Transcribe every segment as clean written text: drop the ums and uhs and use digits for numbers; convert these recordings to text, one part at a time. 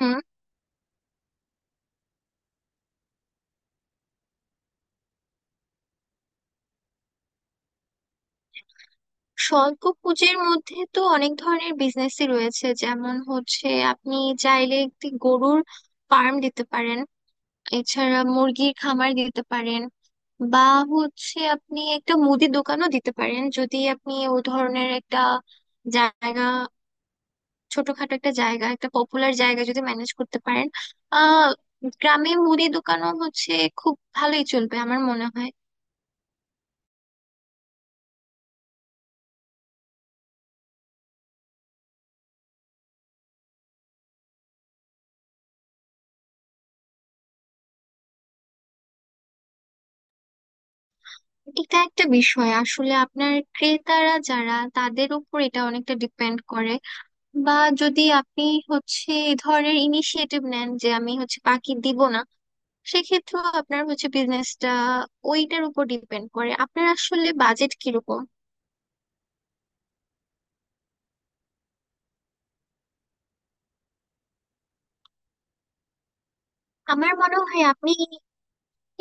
হুম। স্বল্প পুঁজির মধ্যে তো অনেক ধরনের বিজনেসই রয়েছে, যেমন হচ্ছে আপনি চাইলে একটি গরুর ফার্ম দিতে পারেন। এছাড়া মুরগির খামার দিতে পারেন। বা হচ্ছে আপনি একটা মুদি দোকানও দিতে পারেন যদি আপনি ও ধরনের একটা জায়গা, ছোটখাটো একটা জায়গা, একটা পপুলার জায়গা যদি ম্যানেজ করতে পারেন। আহ গ্রামে মুদি দোকানও হচ্ছে খুব ভালোই চলবে আমার মনে হয়। এটা একটা বিষয়, আসলে আপনার ক্রেতারা যারা তাদের উপর এটা অনেকটা ডিপেন্ড করে। বা যদি আপনি হচ্ছে এ ধরনের ইনিশিয়েটিভ নেন যে আমি হচ্ছে বাকি দিব না, সেক্ষেত্রেও আপনার হচ্ছে বিজনেসটা ওইটার উপর ডিপেন্ড করে আপনার আসলে বাজেট কিরকম। আমার মনে হয় আপনি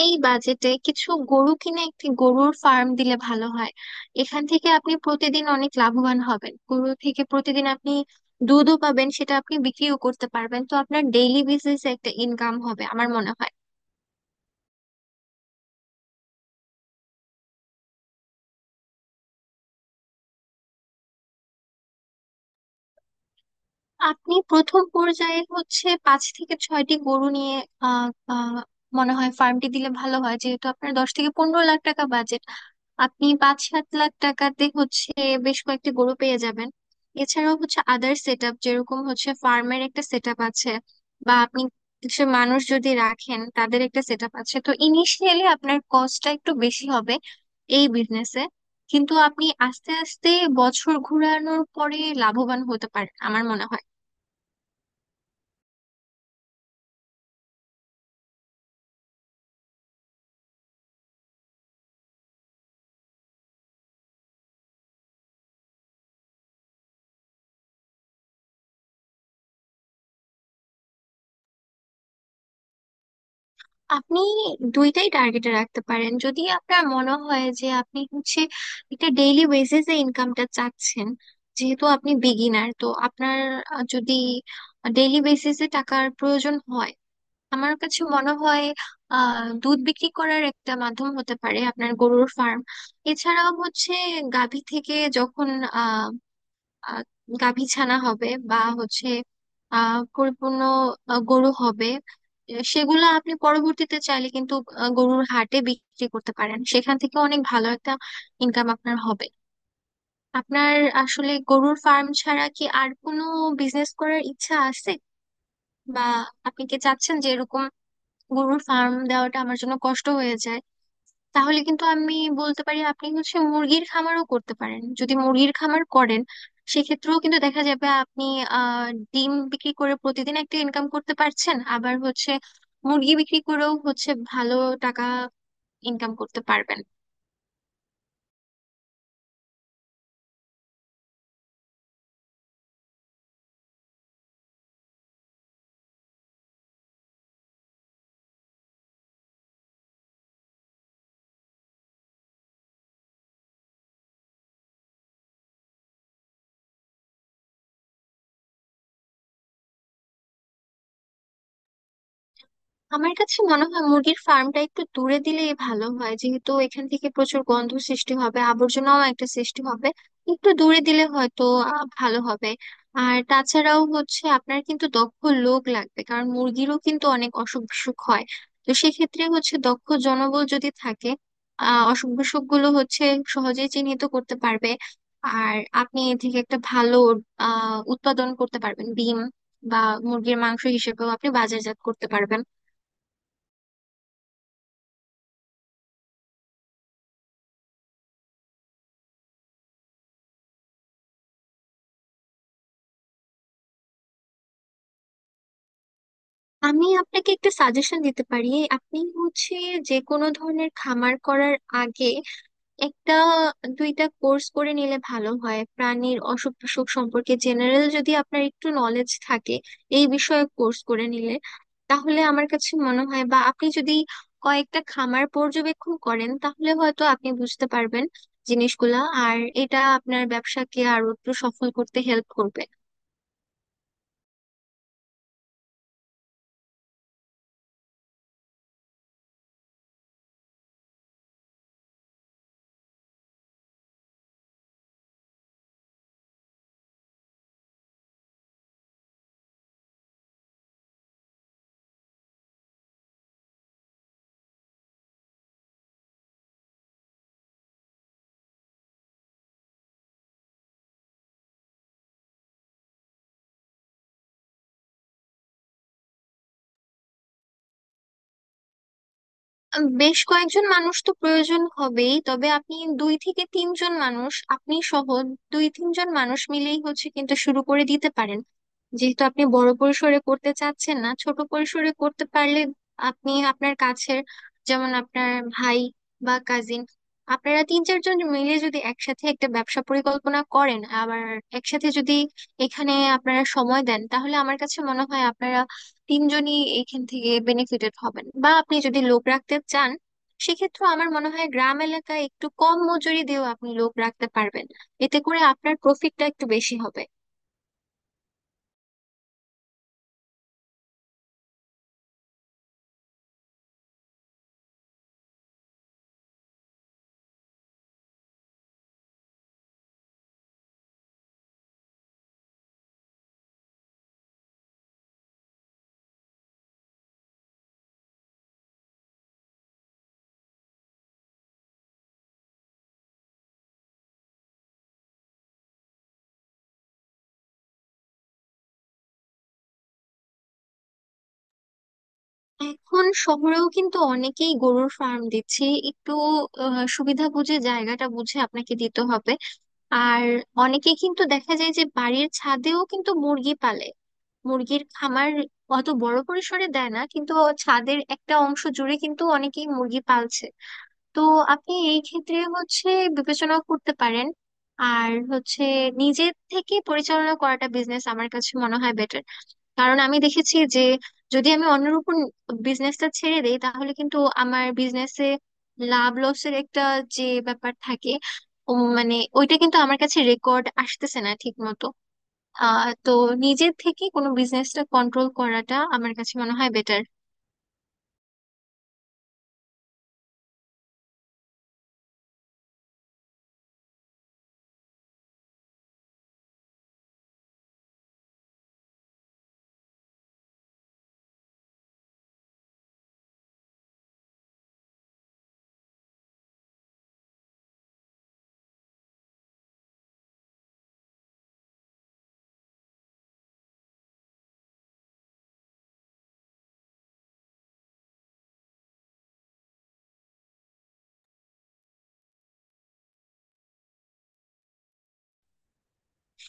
এই বাজেটে কিছু গরু কিনে একটি গরুর ফার্ম দিলে ভালো হয়। এখান থেকে আপনি প্রতিদিন অনেক লাভবান হবেন, গরু থেকে প্রতিদিন আপনি দুধও পাবেন, সেটা আপনি বিক্রিও করতে পারবেন, তো আপনার ডেইলি বেসিসে একটা ইনকাম হবে আমার মনে হয়। আপনি প্রথম পর্যায়ে হচ্ছে 5 থেকে 6টি গরু নিয়ে আহ আহ, মনে হয় ফার্মটি দিলে ভালো হয়, যেহেতু আপনার 10 থেকে 15 লাখ টাকা বাজেট। আপনি 5-7 লাখ টাকাতে হচ্ছে বেশ কয়েকটি গরু পেয়ে যাবেন। এছাড়াও হচ্ছে আদার সেট আপ, যেরকম হচ্ছে ফার্মের একটা সেট আপ আছে, বা আপনি কিছু মানুষ যদি রাখেন তাদের একটা সেট আপ আছে, তো ইনিশিয়ালি আপনার কস্টটা একটু বেশি হবে এই বিজনেসে। কিন্তু আপনি আস্তে আস্তে বছর ঘোরানোর পরে লাভবান হতে পারেন আমার মনে হয়। আপনি দুইটাই টার্গেটে রাখতে পারেন যদি আপনার মনে হয় যে আপনি হচ্ছে একটা ডেইলি বেসিসে ইনকামটা চাচ্ছেন। যেহেতু আপনি বিগিনার, তো আপনার যদি ডেইলি বেসিসে টাকার প্রয়োজন হয়, আমার কাছে মনে হয় দুধ বিক্রি করার একটা মাধ্যম হতে পারে আপনার গরুর ফার্ম। এছাড়াও হচ্ছে গাভী থেকে যখন আহ, গাভী ছানা হবে বা হচ্ছে পরিপূর্ণ গরু হবে, সেগুলো আপনি পরবর্তীতে চাইলে কিন্তু গরুর হাটে বিক্রি করতে পারেন, সেখান থেকে অনেক ভালো একটা ইনকাম আপনার হবে। আপনার আসলে গরুর ফার্ম ছাড়া কি আর কোনো বিজনেস করার ইচ্ছা আছে, বা আপনি কি চাচ্ছেন যে এরকম গরুর ফার্ম দেওয়াটা আমার জন্য কষ্ট হয়ে যায়? তাহলে কিন্তু আমি বলতে পারি আপনি হচ্ছে মুরগির খামারও করতে পারেন। যদি মুরগির খামার করেন, সেক্ষেত্রেও কিন্তু দেখা যাবে আপনি আহ ডিম বিক্রি করে প্রতিদিন একটা ইনকাম করতে পারছেন, আবার হচ্ছে মুরগি বিক্রি করেও হচ্ছে ভালো টাকা ইনকাম করতে পারবেন। আমার কাছে মনে হয় মুরগির ফার্মটা একটু দূরে দিলেই ভালো হয়, যেহেতু এখান থেকে প্রচুর গন্ধ সৃষ্টি হবে, আবর্জনাও একটা সৃষ্টি হবে। একটু দূরে দিলে হয়তো ভালো হবে। আর তাছাড়াও হচ্ছে আপনার কিন্তু দক্ষ লোক লাগবে, কারণ মুরগিরও কিন্তু অনেক অসুখ বিসুখ হয়। তো সেক্ষেত্রে হচ্ছে দক্ষ জনবল যদি থাকে, অসুখ বিসুখ গুলো হচ্ছে সহজেই চিহ্নিত করতে পারবে। আর আপনি এ থেকে একটা ভালো উৎপাদন করতে পারবেন, ডিম বা মুরগির মাংস হিসেবেও আপনি বাজারজাত করতে পারবেন। আমি আপনাকে একটা সাজেশন দিতে পারি। আপনি হচ্ছে যে কোনো ধরনের খামার করার আগে একটা দুইটা কোর্স করে নিলে ভালো হয়। প্রাণীর অসুখ বিসুখ সম্পর্কে জেনারেল যদি আপনার একটু নলেজ থাকে, এই বিষয়ে কোর্স করে নিলে তাহলে আমার কাছে মনে হয়, বা আপনি যদি কয়েকটা খামার পর্যবেক্ষণ করেন, তাহলে হয়তো আপনি বুঝতে পারবেন জিনিসগুলা। আর এটা আপনার ব্যবসাকে আরো একটু সফল করতে হেল্প করবে। বেশ কয়েকজন মানুষ তো প্রয়োজন হবেই, তবে আপনি 2 থেকে 3 জন মানুষ, আপনি সহ 2-3 জন মানুষ মিলেই হচ্ছে কিন্তু শুরু করে দিতে পারেন। যেহেতু আপনি বড় পরিসরে করতে চাচ্ছেন না, ছোট পরিসরে করতে পারলে আপনি আপনার কাছের, যেমন আপনার ভাই বা কাজিন, আপনারা 3-4 জন মিলে যদি একসাথে একটা ব্যবসা পরিকল্পনা করেন, আবার একসাথে যদি এখানে আপনারা সময় দেন, তাহলে আমার কাছে মনে হয় আপনারা 3 জনই এইখান থেকে বেনিফিটেড হবেন। বা আপনি যদি লোক রাখতে চান, সেক্ষেত্রে আমার মনে হয় গ্রাম এলাকায় একটু কম মজুরি দিয়েও আপনি লোক রাখতে পারবেন, এতে করে আপনার প্রফিটটা একটু বেশি হবে। এখন শহরেও কিন্তু অনেকেই গরুর ফার্ম দিচ্ছে। একটু সুবিধা বুঝে, জায়গাটা বুঝে আপনাকে দিতে হবে। আর অনেকেই কিন্তু দেখা যায় যে বাড়ির ছাদেও কিন্তু মুরগি পালে। মুরগির খামার অত বড় পরিসরে দেয় না কিন্তু ছাদের একটা অংশ জুড়ে কিন্তু অনেকেই মুরগি পালছে। তো আপনি এই ক্ষেত্রে হচ্ছে বিবেচনা করতে পারেন। আর হচ্ছে নিজে থেকে পরিচালনা করাটা বিজনেস আমার কাছে মনে হয় বেটার, কারণ আমি দেখেছি যে যদি আমি অন্যের উপর বিজনেসটা ছেড়ে দেই, তাহলে কিন্তু আমার বিজনেসে লাভ লসের একটা যে ব্যাপার থাকে, ও মানে ওইটা কিন্তু আমার কাছে রেকর্ড আসতেছে না ঠিক মতো। তো নিজের থেকে কোনো বিজনেসটা কন্ট্রোল করাটা আমার কাছে মনে হয় বেটার।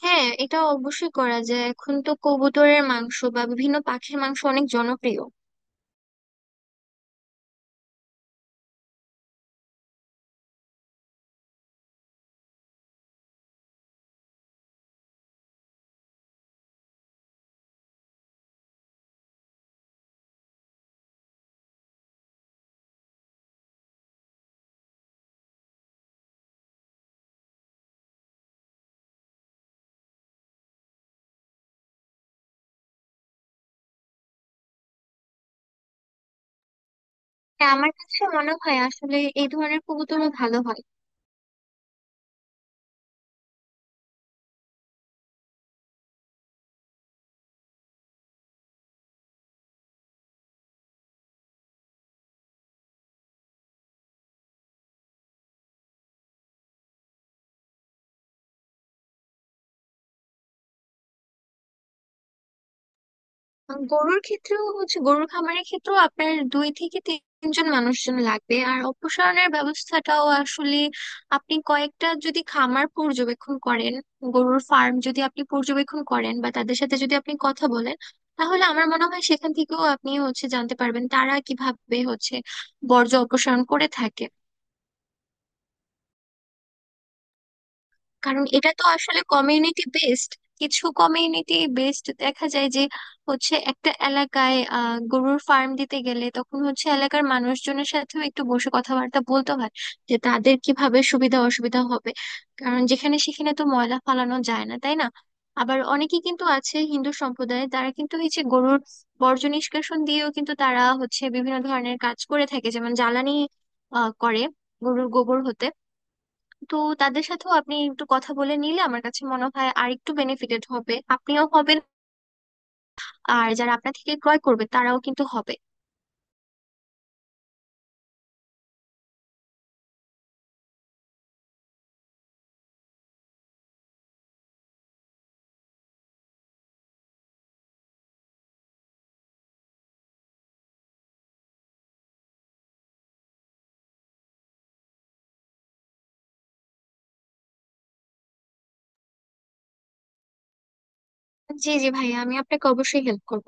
হ্যাঁ, এটা অবশ্যই করা যায়। এখন তো কবুতরের মাংস বা বিভিন্ন পাখির মাংস অনেক জনপ্রিয়। হ্যাঁ, আমার কাছে মনে হয় আসলে এই ধরনের কবুতরও ভালো হয়। আর গরুর ক্ষেত্রেও হচ্ছে, গরুর খামারের ক্ষেত্রেও আপনার 2 থেকে 3 জন মানুষজন লাগবে। আর অপসারণের ব্যবস্থাটাও আসলে আপনি কয়েকটা যদি খামার পর্যবেক্ষণ করেন, গরুর ফার্ম যদি আপনি পর্যবেক্ষণ করেন বা তাদের সাথে যদি আপনি কথা বলেন, তাহলে আমার মনে হয় সেখান থেকেও আপনি হচ্ছে জানতে পারবেন তারা কিভাবে হচ্ছে বর্জ্য অপসারণ করে থাকে। কারণ এটা তো আসলে কমিউনিটি বেসড। কিছু কমিউনিটি বেসড দেখা যায় যে হচ্ছে একটা এলাকায় গরুর ফার্ম দিতে গেলে তখন হচ্ছে এলাকার মানুষজনের সাথেও একটু বসে কথাবার্তা বলতে হয় যে তাদের কিভাবে সুবিধা অসুবিধা হবে। কারণ যেখানে সেখানে তো ময়লা ফালানো যায় না, তাই না? আবার অনেকে কিন্তু আছে হিন্দু সম্প্রদায়ে, তারা কিন্তু হচ্ছে গরুর বর্জ্য নিষ্কাশন দিয়েও কিন্তু তারা হচ্ছে বিভিন্ন ধরনের কাজ করে থাকে, যেমন জ্বালানি করে গরুর গোবর হতে। তো তাদের সাথেও আপনি একটু কথা বলে নিলে আমার কাছে মনে হয় আর একটু বেনিফিটেড হবে, আপনিও হবেন আর যারা আপনার থেকে ক্রয় করবে তারাও কিন্তু হবে। জি জি ভাইয়া, আমি আপনাকে অবশ্যই হেল্প করব।